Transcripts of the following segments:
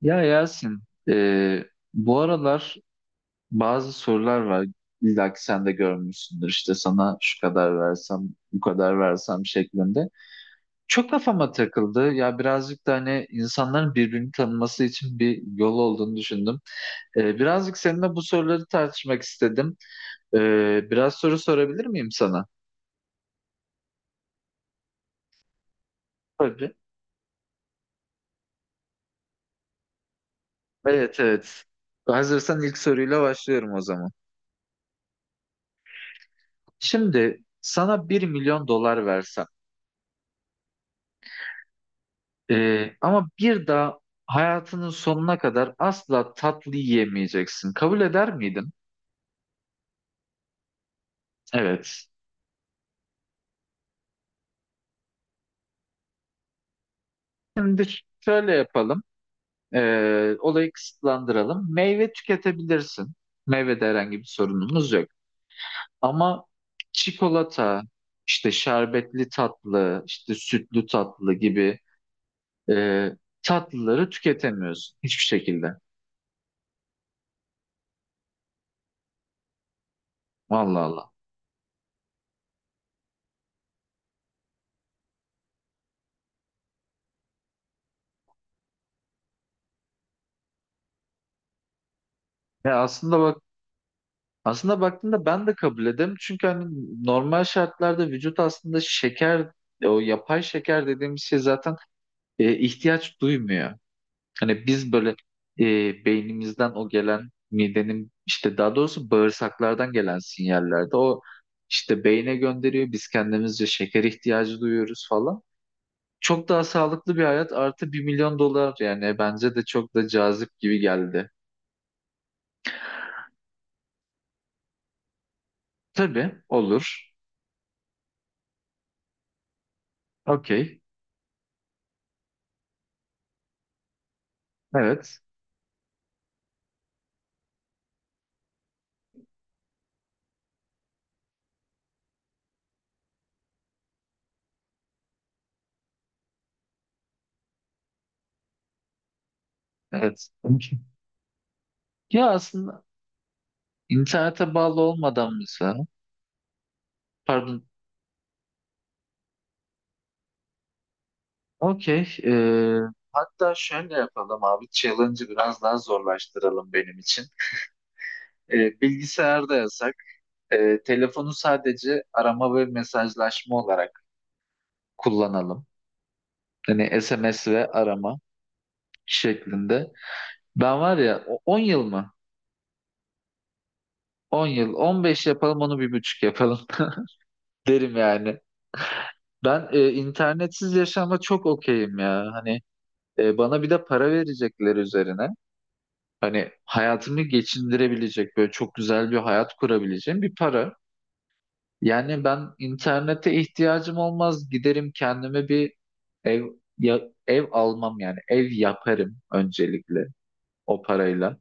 Ya Yasin, e, bu aralar bazı sorular var. İlla ki sen de görmüşsündür. İşte sana şu kadar versem, bu kadar versem şeklinde. Çok kafama takıldı. Ya birazcık da hani insanların birbirini tanıması için bir yol olduğunu düşündüm. Birazcık seninle bu soruları tartışmak istedim. E, Biraz soru sorabilir miyim sana? Tabii. Evet, evet. Hazırsan ilk soruyla başlıyorum o zaman. Şimdi sana bir milyon dolar versem. Ama bir daha hayatının sonuna kadar asla tatlı yiyemeyeceksin. Kabul eder miydin? Evet. Şimdi şöyle yapalım. Olayı kısıtlandıralım. Meyve tüketebilirsin. Meyvede herhangi bir sorunumuz yok. Ama çikolata, işte şerbetli tatlı, işte sütlü tatlı gibi e, tatlıları tüketemiyorsun hiçbir şekilde. Vallahi Allah. Ya aslında bak, aslında baktığında ben de kabul ederim. Çünkü hani normal şartlarda vücut aslında şeker, o yapay şeker dediğimiz şey zaten ihtiyaç duymuyor. Hani biz böyle beynimizden o gelen midenin işte daha doğrusu bağırsaklardan gelen sinyallerde o işte beyne gönderiyor. Biz kendimizce şeker ihtiyacı duyuyoruz falan. Çok daha sağlıklı bir hayat artı bir milyon dolar, yani bence de çok da cazip gibi geldi. Tabii olur. Okey. Evet. Evet. Ya aslında internete bağlı olmadan mesela. Pardon. Okey. Hatta şöyle yapalım abi. Challenge'ı biraz daha zorlaştıralım benim için. Bilgisayarda yasak. Telefonu sadece arama ve mesajlaşma olarak kullanalım. Yani SMS ve arama şeklinde. Ben var ya 10 yıl mı? 10 yıl. 15 yapalım, onu bir buçuk yapalım derim yani. Ben internetsiz yaşama çok okeyim ya. Hani E, bana bir de para verecekler üzerine. Hani hayatımı geçindirebilecek böyle çok güzel bir hayat kurabileceğim bir para. Yani ben internete ihtiyacım olmaz. Giderim kendime bir ev, ya, ev almam yani. Ev yaparım öncelikle o parayla.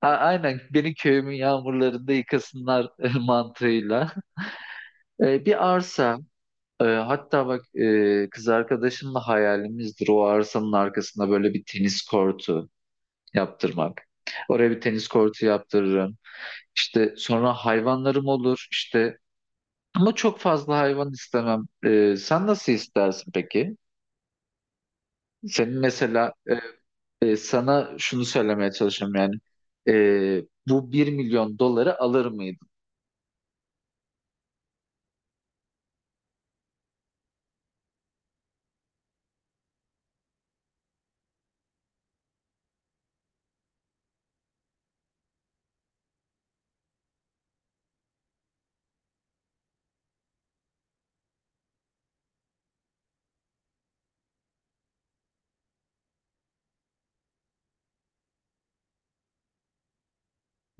Ha, aynen beni köyümün yağmurlarında yıkasınlar mantığıyla. Bir arsa, hatta bak, kız arkadaşımla hayalimizdir o arsanın arkasında böyle bir tenis kortu yaptırmak. Oraya bir tenis kortu yaptırırım. İşte sonra hayvanlarım olur işte. Ama çok fazla hayvan istemem. Sen nasıl istersin peki? Senin mesela sana şunu söylemeye çalışıyorum yani. Ee, Bu bir milyon doları alır mıydın?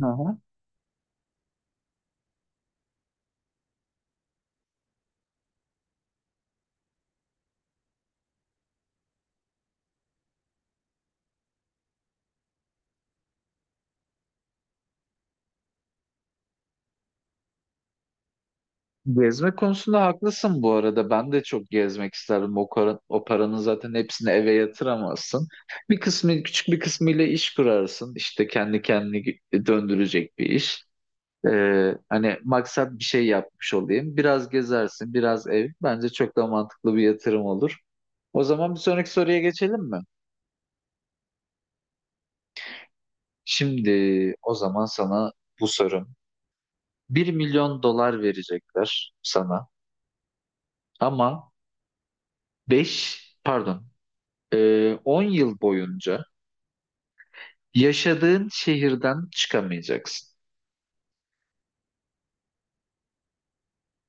Hı hı. Gezme konusunda haklısın bu arada. Ben de çok gezmek isterdim. O, o paranın zaten hepsini eve yatıramazsın. Bir kısmı, küçük bir kısmıyla iş kurarsın. İşte kendi kendini döndürecek bir iş. Hani maksat bir şey yapmış olayım. Biraz gezersin, biraz ev. Bence çok da mantıklı bir yatırım olur. O zaman bir sonraki soruya geçelim mi? Şimdi o zaman sana bu sorum. Bir milyon dolar verecekler sana, ama 5, pardon 10 yıl boyunca yaşadığın şehirden çıkamayacaksın.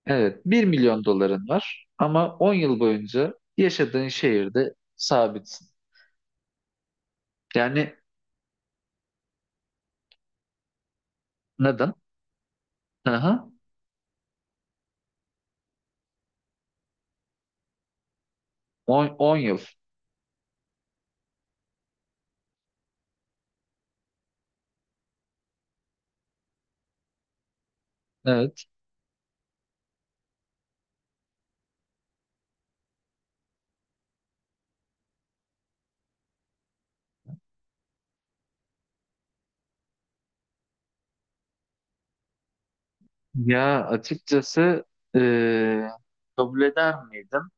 Evet, bir milyon doların var ama 10 yıl boyunca yaşadığın şehirde sabitsin. Yani neden? Aha. 10 yıl. Evet. Ya açıkçası eee, kabul eder miydim?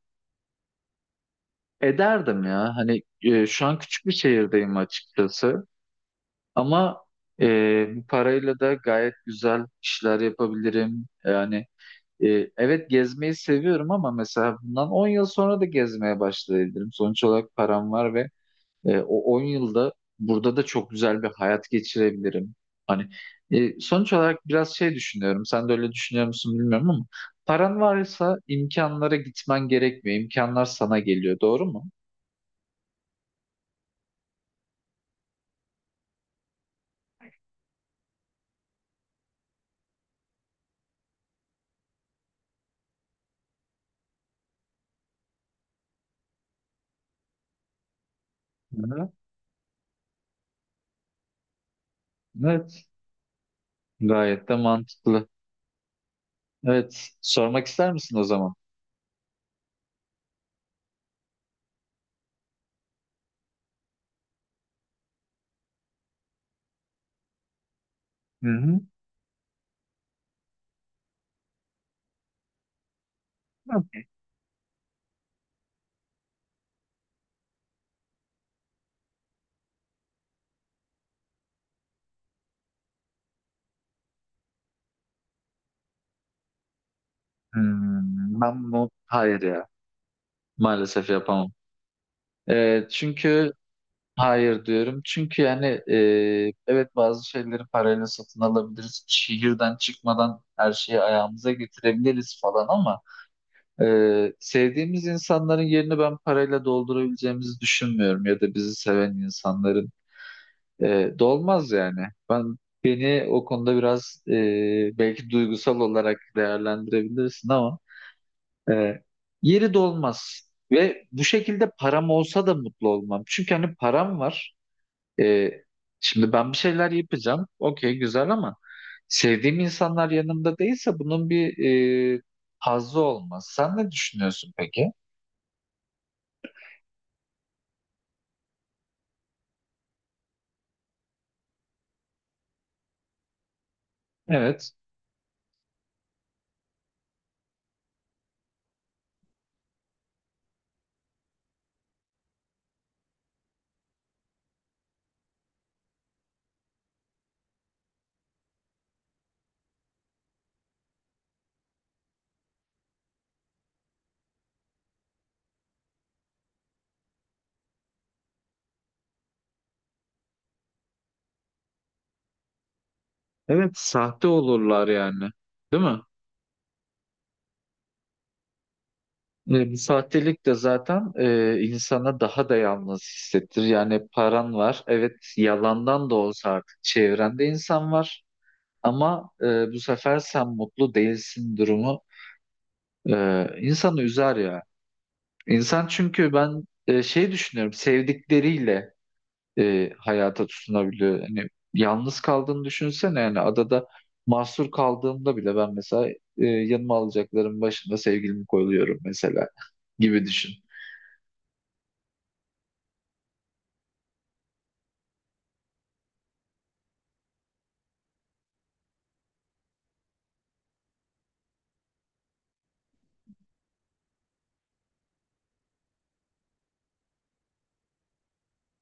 Ederdim ya. Hani şu an küçük bir şehirdeyim açıkçası. Ama bu parayla da gayet güzel işler yapabilirim. Yani evet gezmeyi seviyorum, ama mesela bundan 10 yıl sonra da gezmeye başlayabilirim. Sonuç olarak param var ve E, o 10 yılda burada da çok güzel bir hayat geçirebilirim. Hani sonuç olarak biraz şey düşünüyorum. Sen de öyle düşünüyor musun bilmiyorum, ama paran varsa imkanlara gitmen gerekmiyor. İmkanlar sana geliyor. Doğru mu? Hı-hı. Evet. Gayet de mantıklı. Evet. Sormak ister misin o zaman? Hı-hı. Hmm, ben bunu hayır ya. Maalesef yapamam. Çünkü hayır diyorum. Çünkü yani evet, bazı şeyleri parayla satın alabiliriz. Şehirden çıkmadan her şeyi ayağımıza getirebiliriz falan, ama sevdiğimiz insanların yerini ben parayla doldurabileceğimizi düşünmüyorum, ya da bizi seven insanların dolmaz yani. Ben beni o konuda biraz belki duygusal olarak değerlendirebilirsin, ama e, yeri dolmaz. Ve bu şekilde param olsa da mutlu olmam. Çünkü hani param var. E, Şimdi ben bir şeyler yapacağım. Okey, güzel, ama sevdiğim insanlar yanımda değilse bunun bir e, hazzı olmaz. Sen ne düşünüyorsun peki? Evet. Evet, sahte olurlar yani. Değil mi? Bu sahtelik de zaten insana daha da yalnız hissettir. Yani paran var. Evet, yalandan da olsa artık çevrende insan var. Ama bu sefer sen mutlu değilsin, durumu insanı üzer ya. İnsan, çünkü ben şey düşünüyorum, sevdikleriyle hayata tutunabiliyor. Hani yalnız kaldığını düşünsene yani, adada mahsur kaldığımda bile ben mesela yanıma alacaklarım başında sevgilimi koyuyorum mesela gibi düşün.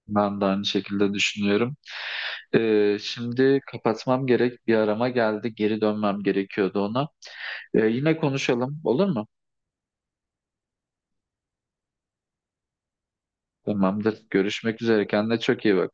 Ben de aynı şekilde düşünüyorum. Şimdi kapatmam gerek, bir arama geldi, geri dönmem gerekiyordu ona. Yine konuşalım, olur mu? Tamamdır, görüşmek üzere, kendine çok iyi bak.